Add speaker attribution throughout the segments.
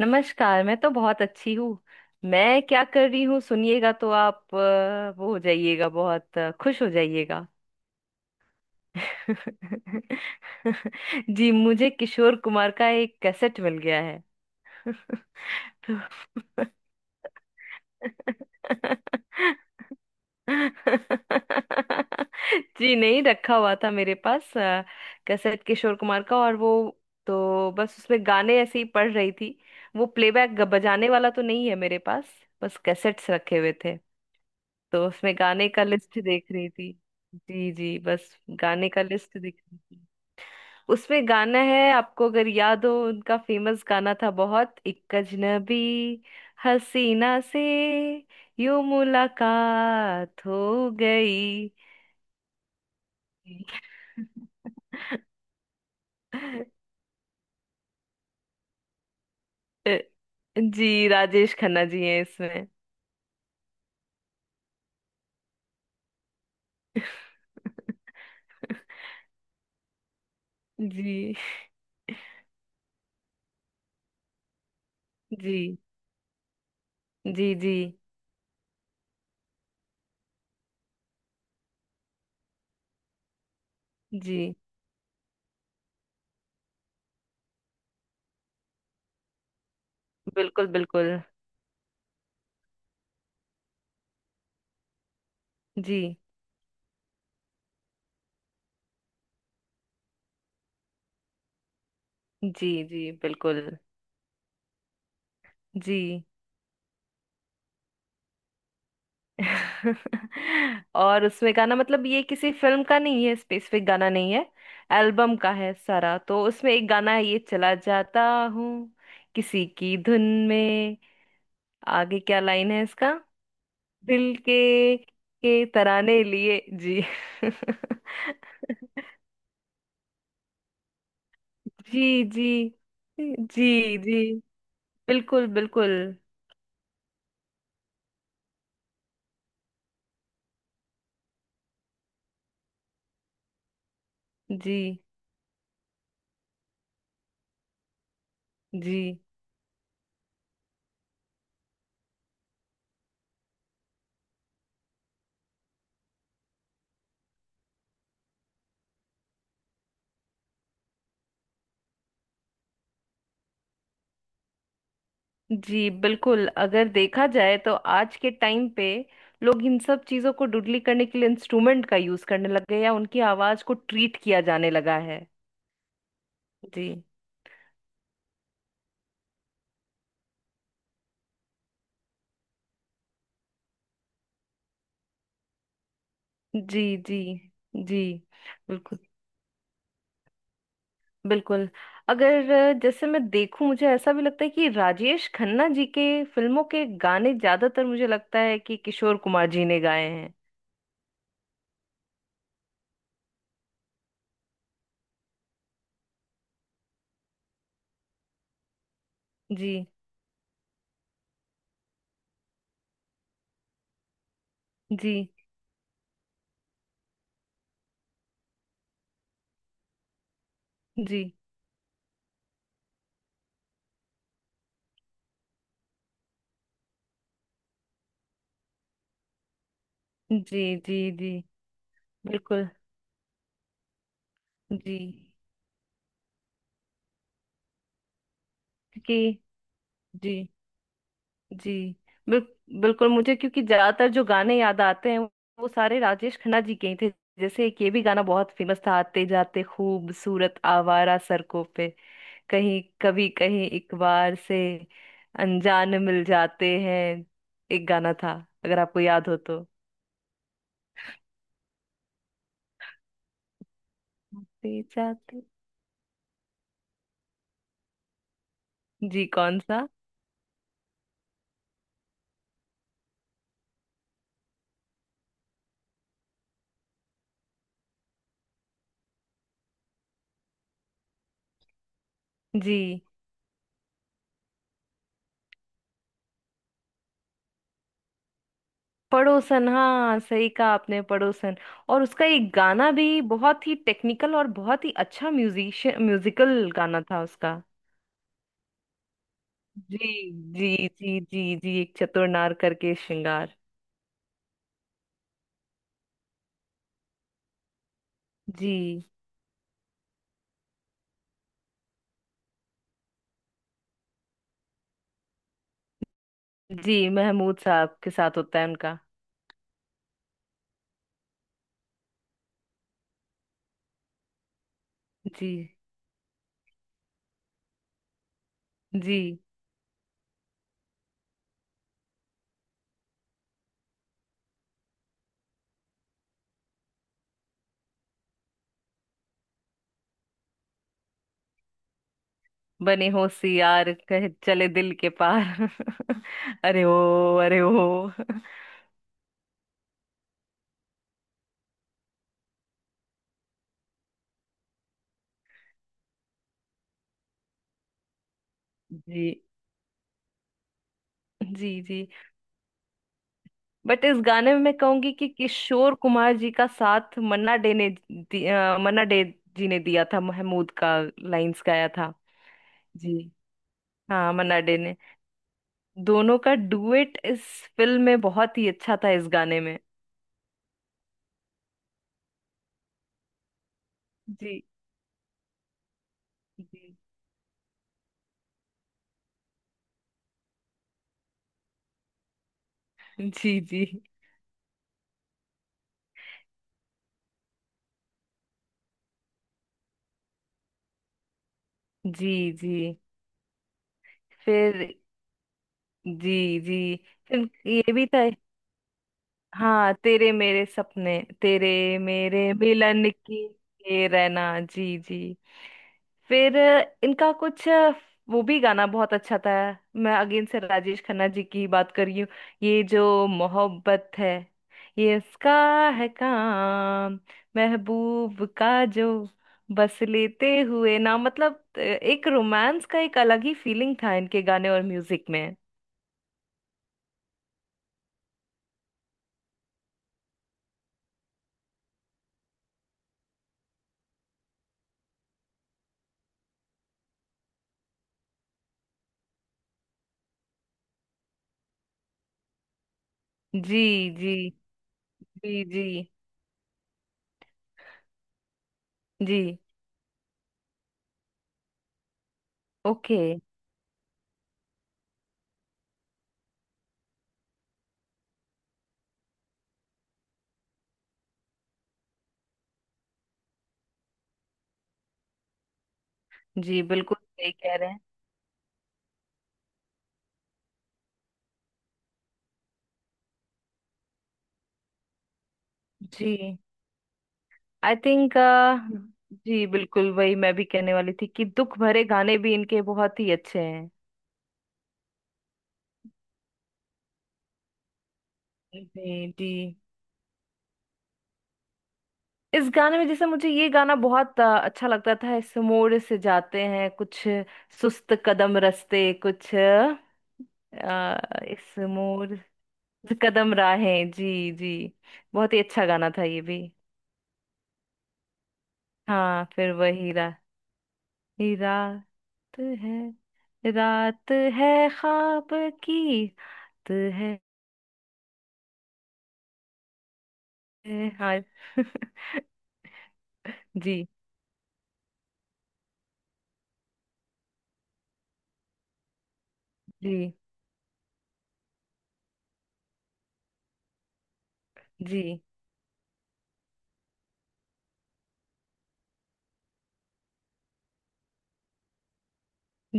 Speaker 1: नमस्कार, मैं तो बहुत अच्छी हूँ। मैं क्या कर रही हूँ सुनिएगा तो आप वो हो जाइएगा, बहुत खुश हो जाइएगा। जी, मुझे किशोर कुमार का एक कैसेट मिल गया है। तो। जी, नहीं रखा हुआ था मेरे पास कैसेट, किशोर कुमार का। और वो, तो बस उसमें गाने ऐसे ही पढ़ रही थी। वो प्लेबैक बजाने वाला तो नहीं है मेरे पास, बस कैसेट्स रखे हुए थे। तो उसमें गाने का लिस्ट देख रही थी। जी जी, बस। गाने का लिस्ट देख रही थी। उसमें गाना है, आपको अगर याद हो, उनका फेमस गाना था बहुत, एक अजनबी हसीना से यूं मुलाकात हो गई। अ, जी, राजेश खन्ना जी हैं इसमें। जी जी जी। जी जी, बिल्कुल बिल्कुल। जी जी जी, बिल्कुल। जी। और उसमें गाना मतलब ये किसी फिल्म का नहीं है, स्पेसिफिक गाना नहीं है, एल्बम का है सारा। तो उसमें एक गाना है, ये चला जाता हूँ किसी की धुन में। आगे क्या लाइन है इसका? दिल के तराने लिए। जी। जी जी जी जी, बिल्कुल बिल्कुल। जी जी जी, बिल्कुल। अगर देखा जाए तो आज के टाइम पे लोग इन सब चीजों को डुडली करने के लिए इंस्ट्रूमेंट का यूज करने लग गए, या उनकी आवाज को ट्रीट किया जाने लगा है। जी जी जी जी, बिल्कुल बिल्कुल। अगर जैसे मैं देखूं, मुझे ऐसा भी लगता है कि राजेश खन्ना जी के फिल्मों के गाने ज्यादातर, मुझे लगता है कि किशोर कुमार जी ने गाए हैं। जी जी जी। जी जी जी, बिल्कुल। जी। कि। जी जी, बिल, बिल्कुल मुझे, क्योंकि ज्यादातर जो गाने याद आते हैं वो सारे राजेश खन्ना जी के ही थे। जैसे एक ये भी गाना बहुत फेमस था, आते जाते खूबसूरत आवारा सड़कों पे, कहीं कभी, कहीं एक बार से अनजान मिल जाते हैं। एक गाना था, अगर आपको याद हो तो। आते जाते। जी, कौन सा? जी, पड़ोसन, हाँ सही कहा आपने, पड़ोसन। और उसका एक गाना भी बहुत ही टेक्निकल और बहुत ही अच्छा म्यूजिशियन म्यूजिकल गाना था उसका। जी जी जी जी जी, एक चतुर नार करके श्रृंगार। जी जी, महमूद साहब के साथ होता है उनका। जी जी, बने हो सियार कहे चले दिल के पार। अरे ओ अरे ओ। जी जी जी, बट इस गाने में मैं कहूंगी कि किशोर कुमार जी का साथ मन्ना डे ने मन्ना डे जी ने दिया था, महमूद का लाइंस गाया था। जी, हाँ, मन्ना डे ने दोनों का डुएट इस फिल्म में बहुत ही अच्छा था, इस गाने में। जी जी जी जी जी जी। फिर। जी जी। फिर ये भी था। हाँ, तेरे मेरे सपने, तेरे मेरे मिलन की ये रहना। जी जी। फिर इनका कुछ, वो भी गाना बहुत अच्छा था। मैं अगेन से राजेश खन्ना जी की बात कर रही हूँ। ये जो मोहब्बत है, ये इसका है काम, महबूब का जो बस लेते हुए ना, मतलब एक रोमांस का एक अलग ही फीलिंग था इनके गाने और म्यूजिक में। जी जी जी जी जी, ओके। जी, बिल्कुल सही कह रहे हैं। जी, आई थिंक। जी बिल्कुल, वही मैं भी कहने वाली थी कि दुख भरे गाने भी इनके बहुत ही अच्छे हैं। जी जी। इस गाने में जैसे मुझे ये गाना बहुत अच्छा लगता था, इस मोड़ से जाते हैं कुछ सुस्त कदम रस्ते कुछ, अ, इस मोड़ से कदम राहें। जी जी, बहुत ही अच्छा गाना था ये भी। हाँ, फिर वही रा हीरा है, रात है ख्वाब की, रात है, हाय। जी जी जी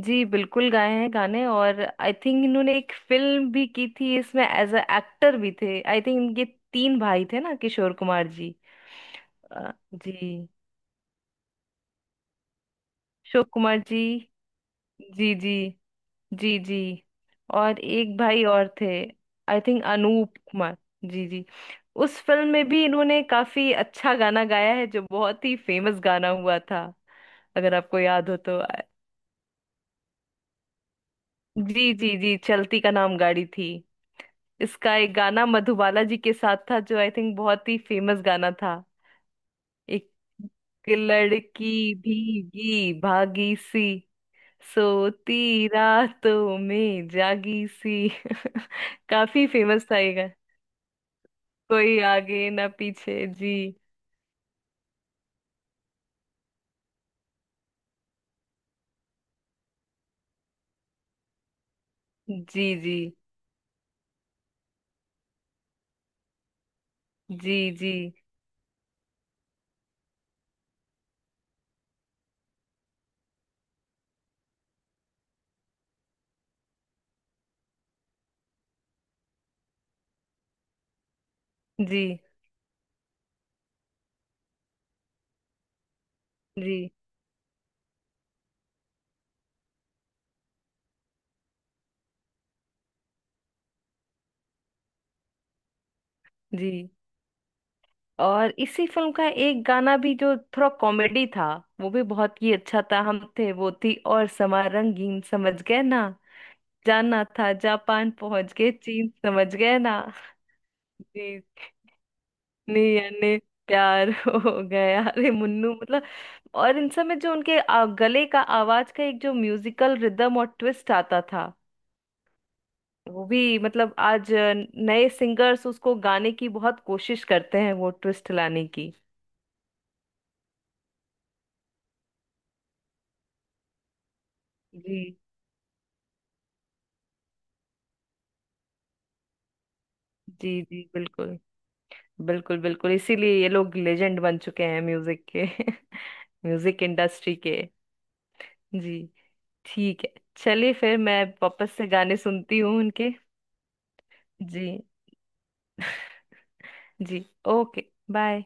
Speaker 1: जी, बिल्कुल गाए हैं गाने। और आई थिंक इन्होंने एक फिल्म भी की थी, इसमें एज अ एक्टर भी थे। आई थिंक इनके तीन भाई थे ना, किशोर कुमार जी। जी, अशोक कुमार जी। जी जी जी जी, और एक भाई और थे, आई थिंक अनूप कुमार। जी जी। उस फिल्म में भी इन्होंने काफी अच्छा गाना गाया है, जो बहुत ही फेमस गाना हुआ था, अगर आपको याद हो तो। जी जी जी, चलती का नाम गाड़ी थी। इसका एक गाना मधुबाला जी के साथ था, जो आई थिंक बहुत ही फेमस गाना था। एक लड़की भीगी भागी सी, सोती रातों में जागी सी। काफी फेमस था ये गाना। कोई आगे ना पीछे। जी जी जी जी जी जी जी जी। और इसी फिल्म का एक गाना भी जो थोड़ा कॉमेडी था, वो भी बहुत ही अच्छा था। हम थे वो थी और समा रंगीन, समझ गए ना, जाना था जापान पहुंच गए चीन, समझ गए ना। जी, नी यानी प्यार हो गया, अरे मुन्नू मतलब। और इन सब में जो उनके गले का आवाज का एक जो म्यूजिकल रिदम और ट्विस्ट आता था, वो भी मतलब आज नए सिंगर्स उसको गाने की बहुत कोशिश करते हैं, वो ट्विस्ट लाने की। जी जी। जी, बिल्कुल बिल्कुल। बिल्कुल, इसीलिए ये लोग लेजेंड बन चुके हैं म्यूजिक के। म्यूजिक इंडस्ट्री के। जी, ठीक है। चलिए, फिर मैं वापस से गाने सुनती हूँ उनके। जी जी, ओके, बाय।